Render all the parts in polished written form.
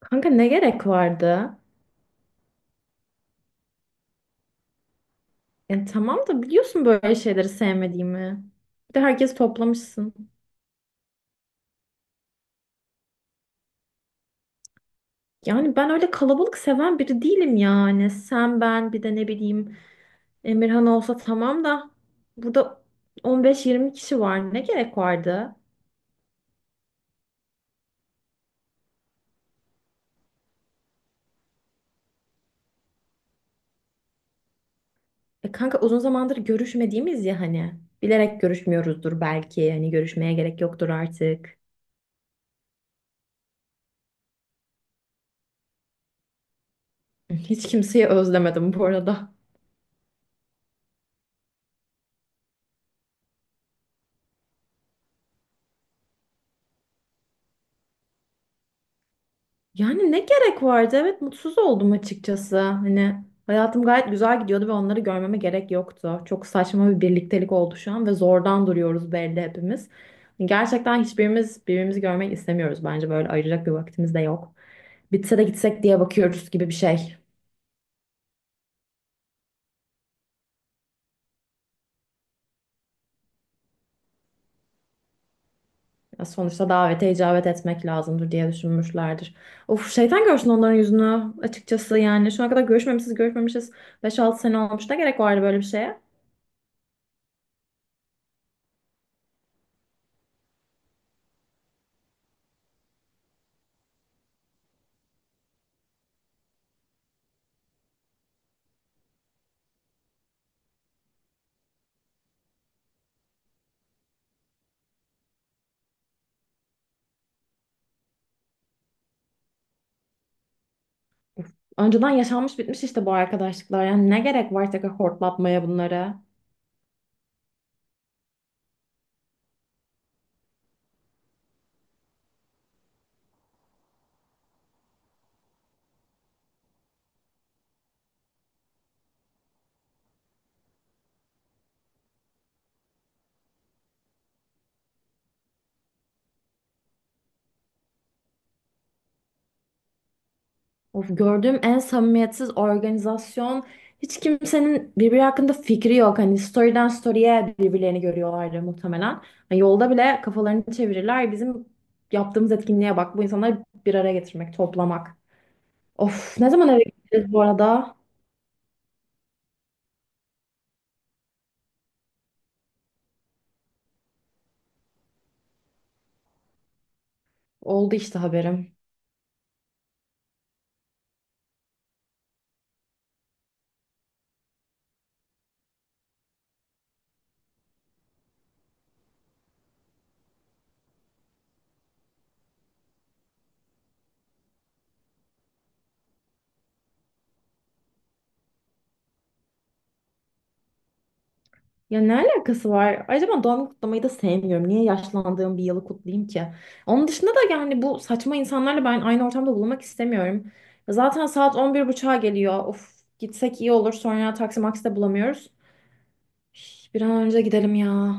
Kanka ne gerek vardı? Yani tamam da biliyorsun böyle şeyleri sevmediğimi. Bir de herkesi toplamışsın. Yani ben öyle kalabalık seven biri değilim yani. Sen ben bir de ne bileyim Emirhan olsa tamam da burada 15-20 kişi var. Ne gerek vardı? E kanka uzun zamandır görüşmediğimiz ya hani. Bilerek görüşmüyoruzdur belki. Hani görüşmeye gerek yoktur artık. Hiç kimseyi özlemedim bu arada. Yani ne gerek vardı? Evet mutsuz oldum açıkçası. Hani hayatım gayet güzel gidiyordu ve onları görmeme gerek yoktu. Çok saçma bir birliktelik oldu şu an ve zordan duruyoruz belli hepimiz. Hani gerçekten hiçbirimiz birbirimizi görmek istemiyoruz bence, böyle ayıracak bir vaktimiz de yok. Bitse de gitsek diye bakıyoruz gibi bir şey. Ya sonuçta davete icabet etmek lazımdır diye düşünmüşlerdir. Of şeytan görsün onların yüzünü açıkçası yani. Şu ana kadar görüşmemişiz. Beş altı sene olmuş, ne gerek vardı böyle bir şeye? Önceden yaşanmış bitmiş işte bu arkadaşlıklar. Yani ne gerek var tekrar hortlatmaya bunları? Of, gördüğüm en samimiyetsiz organizasyon. Hiç kimsenin birbiri hakkında fikri yok. Hani story'den story'e birbirlerini görüyorlardı muhtemelen. Hani yolda bile kafalarını çevirirler. Bizim yaptığımız etkinliğe bak. Bu insanları bir araya getirmek, toplamak. Of, ne zaman eve gideceğiz bu arada? Oldu işte, haberim. Ya ne alakası var? Ayrıca ben doğum günü kutlamayı da sevmiyorum. Niye yaşlandığım bir yılı kutlayayım ki? Onun dışında da yani bu saçma insanlarla ben aynı ortamda bulunmak istemiyorum. Zaten saat 11.30'a geliyor. Of gitsek iyi olur. Sonra taksi maksi de bulamıyoruz. Üf, bir an önce gidelim ya.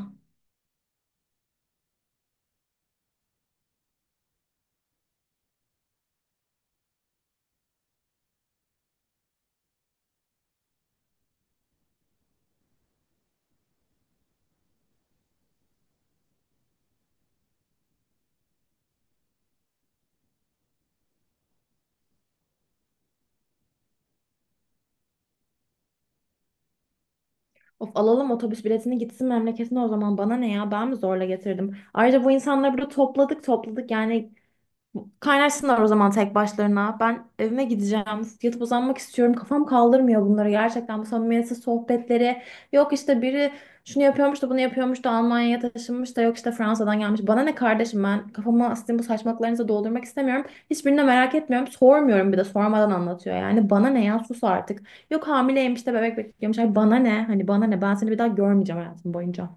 Of alalım otobüs biletini gitsin memleketine o zaman. Bana ne ya? Ben mi zorla getirdim? Ayrıca bu insanları burada topladık topladık. Yani kaynaşsınlar o zaman tek başlarına. Ben evime gideceğim. Yatıp uzanmak istiyorum. Kafam kaldırmıyor bunları gerçekten. Bu samimiyetsiz sohbetleri. Yok işte biri şunu yapıyormuş da bunu yapıyormuş da Almanya'ya taşınmış da yok işte Fransa'dan gelmiş. Bana ne kardeşim, ben kafamı sizin bu saçmalıklarınıza doldurmak istemiyorum. Hiçbirini de merak etmiyorum. Sormuyorum, bir de sormadan anlatıyor. Yani bana ne ya, sus artık. Yok hamileymiş de bebek bekliyormuş. Ay bana ne? Hani bana ne? Ben seni bir daha görmeyeceğim hayatım boyunca.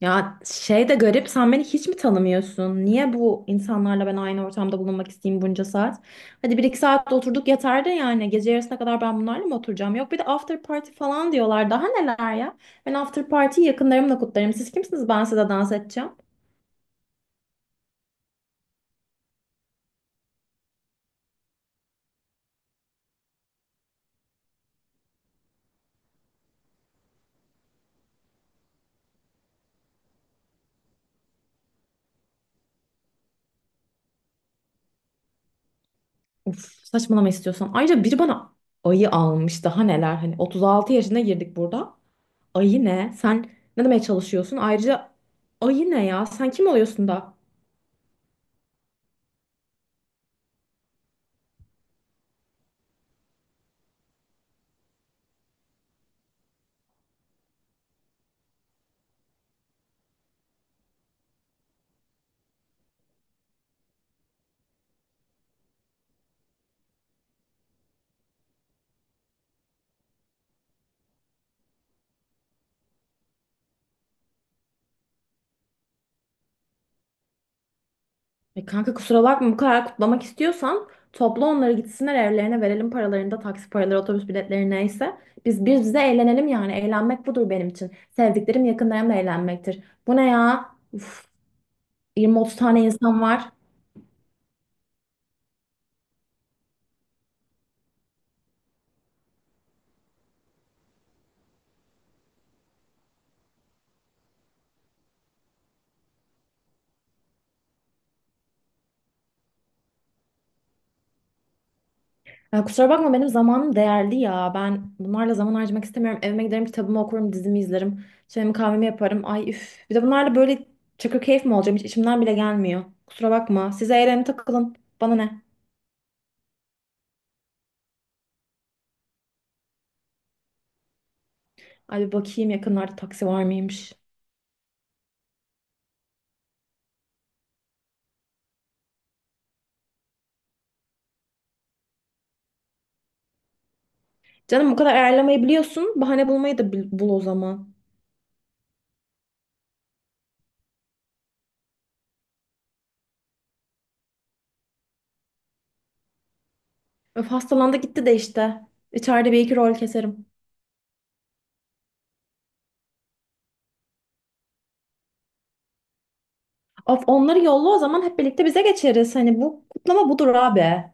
Ya şey de garip, sen beni hiç mi tanımıyorsun? Niye bu insanlarla ben aynı ortamda bulunmak isteyeyim bunca saat? Hadi bir iki saat de oturduk yeter de, yani gece yarısına kadar ben bunlarla mı oturacağım? Yok bir de after party falan diyorlar, daha neler ya? Ben after party'yi yakınlarımla kutlarım. Siz kimsiniz ben size dans edeceğim? Of saçmalama istiyorsan. Ayrıca biri bana ayı almış, daha neler, hani 36 yaşına girdik burada. Ayı ne? Sen ne demeye çalışıyorsun? Ayrıca ayı ne ya? Sen kim oluyorsun da? E kanka kusura bakma, bu kadar kutlamak istiyorsan topla onları gitsinler evlerine, verelim paralarını da, taksi paraları otobüs biletleri neyse. Biz bize eğlenelim, yani eğlenmek budur benim için. Sevdiklerim yakınlarımla eğlenmektir. Bu ne ya? Uf, 20-30 tane insan var. Ya kusura bakma, benim zamanım değerli ya. Ben bunlarla zaman harcamak istemiyorum. Evime giderim, kitabımı okurum, dizimi izlerim. Çayımı kahvemi yaparım. Ay üf. Bir de bunlarla böyle çakır keyif mi olacağım, hiç içimden bile gelmiyor. Kusura bakma, size eğlenin takılın. Bana ne? Ay bir bakayım, yakınlarda taksi var mıymış? Canım bu kadar ayarlamayı biliyorsun. Bahane bulmayı da bul o zaman. Öf hastalandı gitti de işte. İçeride bir iki rol keserim. Of onları yolla o zaman, hep birlikte bize geçeriz. Hani bu kutlama budur abi.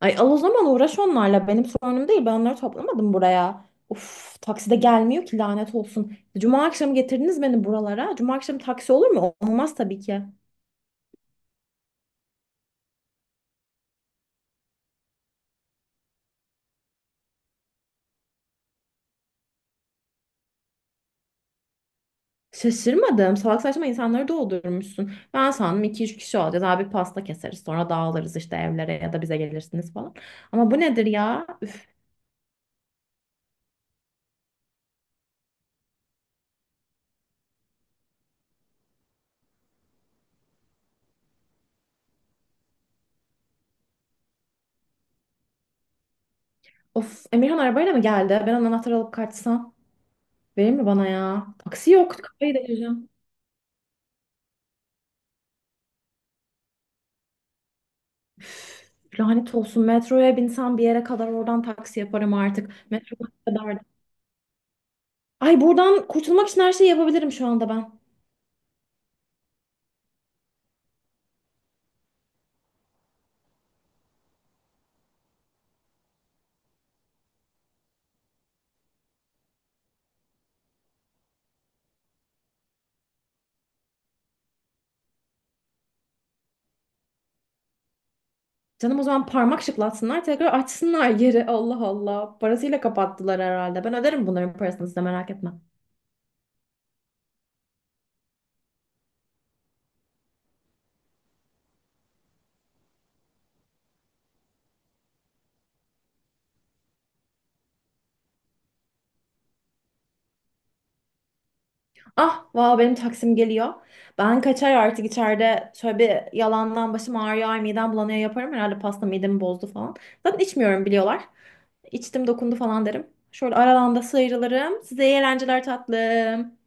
Ay al o zaman, uğraş onlarla. Benim sorunum değil. Ben onları toplamadım buraya. Uf takside gelmiyor ki, lanet olsun. Cuma akşamı getirdiniz beni buralara. Cuma akşamı taksi olur mu? Olmaz tabii ki. Şaşırmadım. Salak saçma insanları doldurmuşsun. Ben sandım iki üç kişi olacağız. Abi pasta keseriz. Sonra dağılırız işte evlere ya da bize gelirsiniz falan. Ama bu nedir ya? Üf, of Emirhan arabayla mı geldi? Ben onun anahtarı alıp kaçsam. Verir mi bana ya? Taksi yok. Kafayı delireceğim. Lanet olsun. Metroya binsem bir yere kadar, oradan taksi yaparım artık. Metro kadar. Ay buradan kurtulmak için her şeyi yapabilirim şu anda ben. Canım o zaman parmak şıklatsınlar tekrar açsınlar yeri. Allah Allah. Parasıyla kapattılar herhalde. Ben öderim bunların parasını, size merak etme. Ah, valla benim taksim geliyor. Ben kaçar artık, içeride şöyle bir yalandan başım ağrıyor, ay midem bulanıyor yaparım. Herhalde pasta midemi bozdu falan. Zaten içmiyorum biliyorlar. İçtim dokundu falan derim. Şöyle aradan da sıyrılırım. Size iyi eğlenceler tatlım.